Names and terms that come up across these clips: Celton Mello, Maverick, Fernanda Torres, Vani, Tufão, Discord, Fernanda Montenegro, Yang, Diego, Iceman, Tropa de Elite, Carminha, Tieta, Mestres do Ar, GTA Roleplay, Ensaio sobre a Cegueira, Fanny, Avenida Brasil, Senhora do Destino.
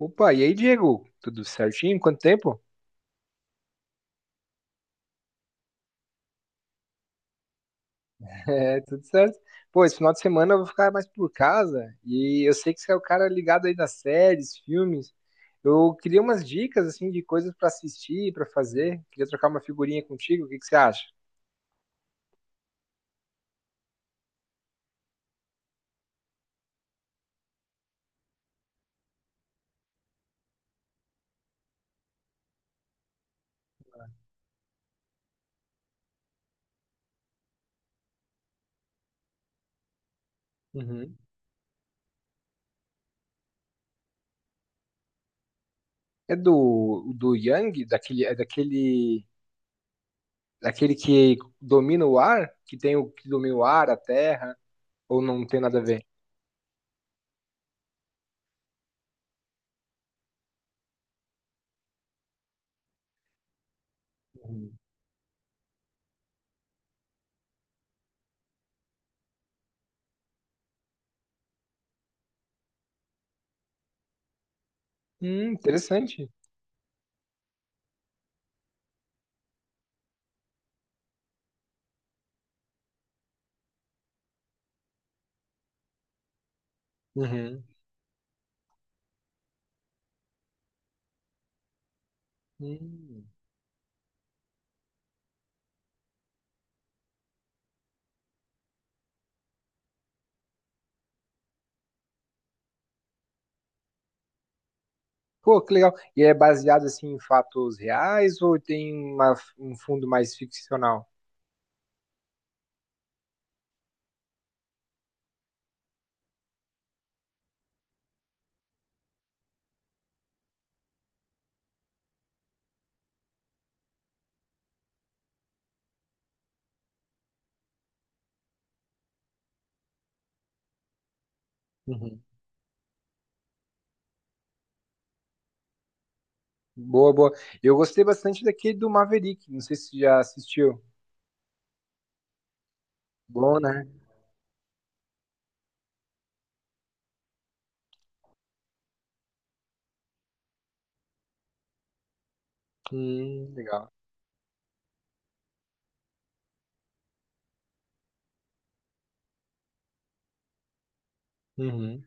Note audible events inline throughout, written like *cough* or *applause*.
Opa, e aí, Diego? Tudo certinho? Quanto tempo? *laughs* É, tudo certo. Pô, esse final de semana eu vou ficar mais por casa e eu sei que você é o cara ligado aí das séries, filmes. Eu queria umas dicas, assim, de coisas pra assistir, pra fazer. Queria trocar uma figurinha contigo, o que que você acha? Uhum. É do Yang, daquele, daquele que domina o ar, que tem o que domina o ar, a terra, ou não tem nada a ver? Uhum. Interessante. Uhum. Hum. Pô, que legal. E é baseado assim em fatos reais ou tem uma- um fundo mais ficcional? Uhum. Boa, boa. Eu gostei bastante daquele do Maverick. Não sei se você já assistiu. Bom, né? Legal. Uhum.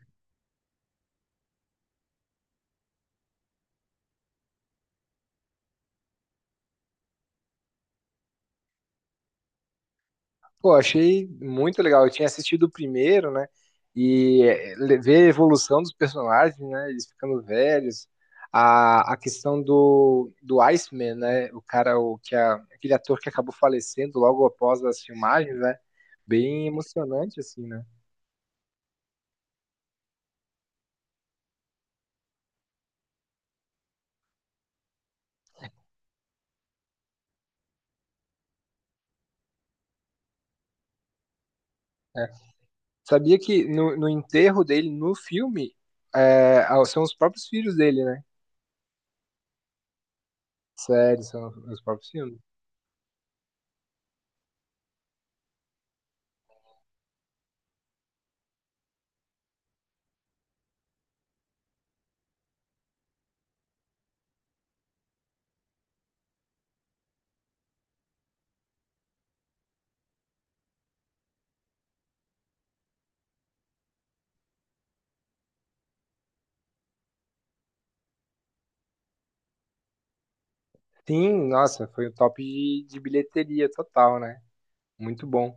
Pô, achei muito legal. Eu tinha assistido o primeiro, né? E é, le- ver a evolução dos personagens, né? Eles ficando velhos. A questão do Iceman, né? O cara, o, que a, aquele ator que acabou falecendo logo após as filmagens, né? Bem emocionante, assim, né? É. Sabia que no enterro dele, no filme, são os próprios filhos dele, né? Sério, são os próprios filhos. Sim, nossa, foi o top de bilheteria total, né? Muito bom.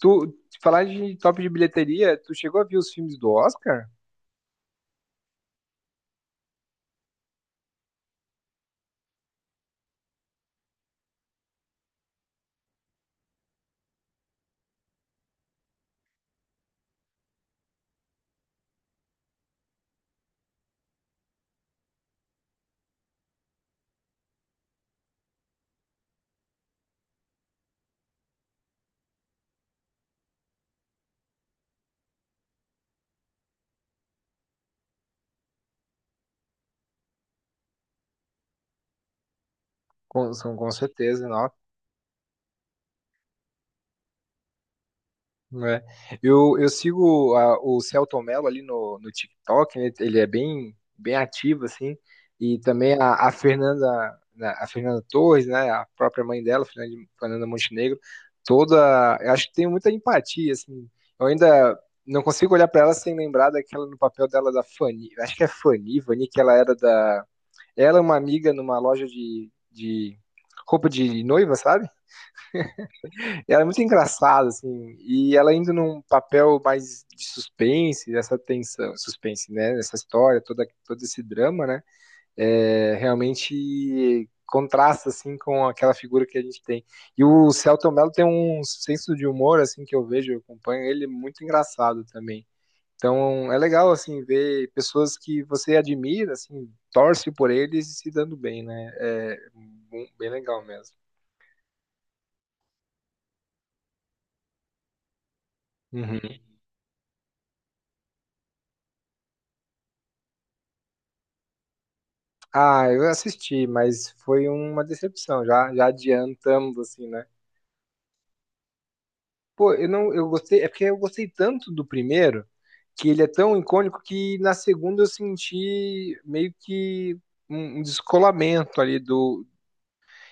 Tu, falar de top de bilheteria, tu chegou a ver os filmes do Oscar? Com, são, com certeza, não. Né? Eu sigo a- o Celton Mello ali no TikTok, né? Ele é bem, bem ativo, assim, e também a Fernanda, né, a Fernanda Torres, né? A própria mãe dela, Fernanda, Fernanda Montenegro, toda, eu acho que tem muita empatia, assim, eu ainda não consigo olhar para ela sem lembrar daquela no papel dela da Fanny, acho que é Fanny, Vani, que ela era da ela é uma amiga numa loja de roupa de noiva, sabe? Ela é muito engraçada, assim, e ela indo num papel mais de suspense, dessa tensão, suspense, né? Essa história, toda, todo esse drama, né? É, realmente contrasta, assim, com aquela figura que a gente tem. E o Celton Mello tem um senso de humor, assim, que eu vejo, eu acompanho ele, muito engraçado também. Então é legal assim ver pessoas que você admira, assim, torce por eles e se dando bem, né? É bem bem legal mesmo. Uhum. Ah, eu assisti, mas foi uma decepção, já, já adiantando assim, né? Pô, eu não, eu gostei, é porque eu gostei tanto do primeiro que ele é tão icônico que na segunda eu senti meio que um um descolamento ali do,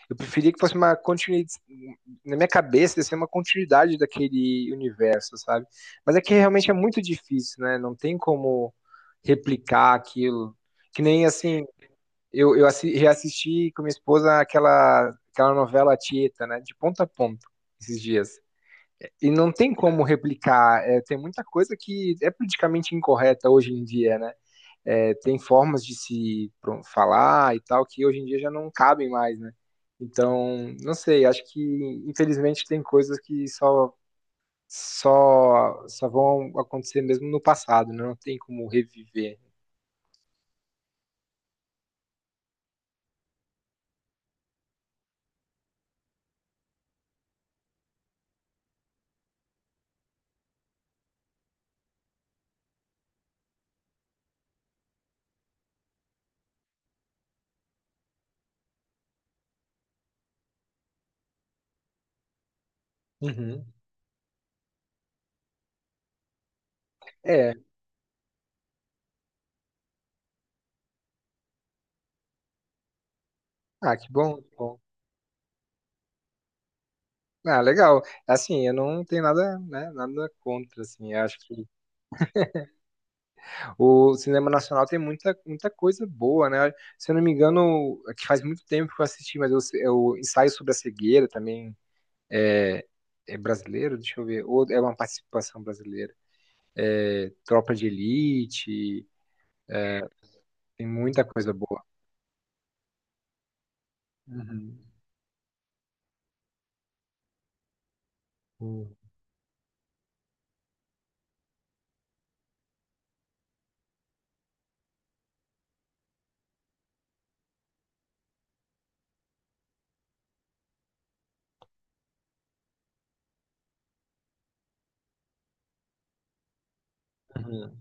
eu preferia que fosse uma continuidade. Na minha cabeça, ia ser uma continuidade daquele universo, sabe? Mas é que realmente é muito difícil, né? Não tem como replicar aquilo. Que nem assim, eu assi- reassisti com minha esposa aquela, aquela novela Tieta, né? De ponta a ponta, esses dias. E não tem como replicar. É, tem muita coisa que é politicamente incorreta hoje em dia, né? É, tem formas de se pro- falar e tal que hoje em dia já não cabem mais, né? Então, não sei, acho que infelizmente tem coisas que só vão acontecer mesmo no passado, né? Não tem como reviver. Uhum. É, ah, que bom, que bom. Ah, legal. Assim, eu não tenho nada, né, nada contra, assim, eu acho que o cinema nacional tem muita, muita coisa boa, né? Se eu não me engano, é que faz muito tempo que eu assisti, mas eu ensaio sobre a cegueira também, é brasileiro, deixa eu ver, ou é uma participação brasileira. É Tropa de Elite, tem muita coisa boa. Uhum. Hum. Uhum.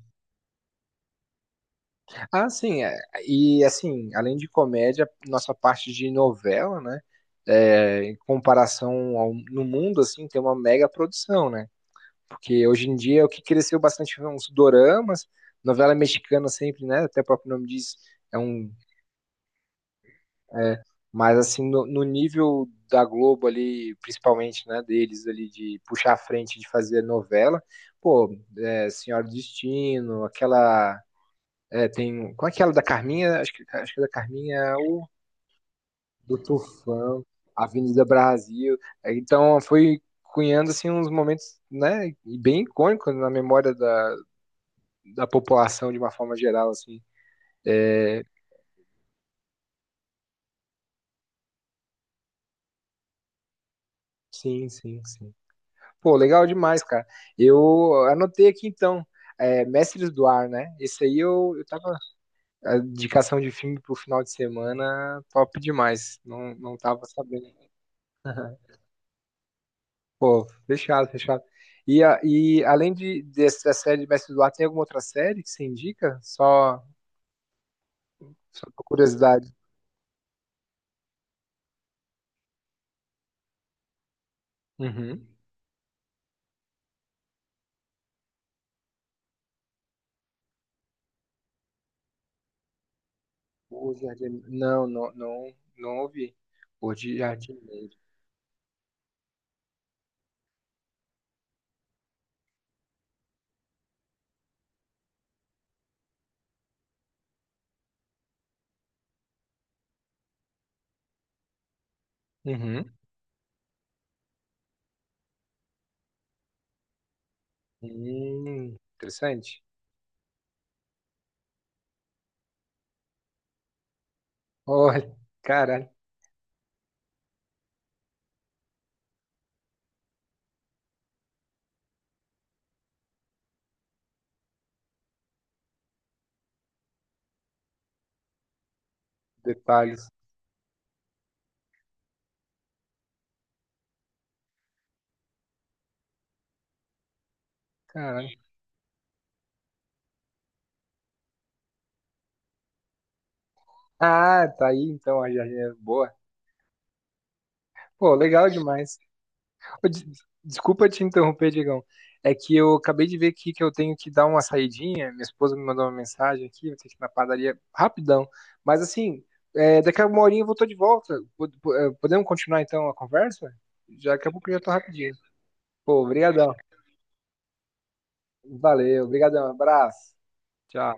Ah, sim, é, e assim, além de comédia, nossa parte de novela, né? É, em comparação ao, no mundo, assim, tem uma mega produção, né? Porque hoje em dia é o que cresceu bastante foram os doramas, novela mexicana sempre, né? Até o próprio nome diz, é um... É, mas assim, no nível da Globo ali, principalmente, né, deles ali de puxar a frente de fazer novela, pô, é, Senhora do Destino, aquela é, tem, qual é aquela da Carminha? Acho que da Carminha é o do Tufão, Avenida Brasil. É, então foi cunhando assim uns momentos, né, e bem icônicos na memória da, da população de uma forma geral assim. Sim, sim, sim. Pô, legal demais, cara. Eu anotei aqui então, é, Mestres do Ar, né? Esse aí eu tava. A indicação de filme pro final de semana, top demais. Não, não tava sabendo. Pô, fechado, fechado. E, a- e além de, dessa série de Mestres do Ar, tem alguma outra série que você indica? Só, só por curiosidade. Uhum. O Jardim... Não, não, não, não ouvi. O de Jardineiro. Uhum. Interessante. Olha, caralho, detalhes. Caralho. Ah, tá aí então a jardineira. Boa. Pô, legal demais. Ô, des- desculpa te interromper, Digão. É que eu acabei de ver aqui que eu tenho que dar uma saidinha. Minha esposa me mandou uma mensagem aqui, vou ter que ir na padaria rapidão. Mas assim, é, daqui a uma horinha eu vou tô de volta. Pod- po- podemos continuar então a conversa? Já daqui a pouco eu já tô rapidinho. Pô, obrigadão. Valeu, obrigadão. Abraço. Tchau.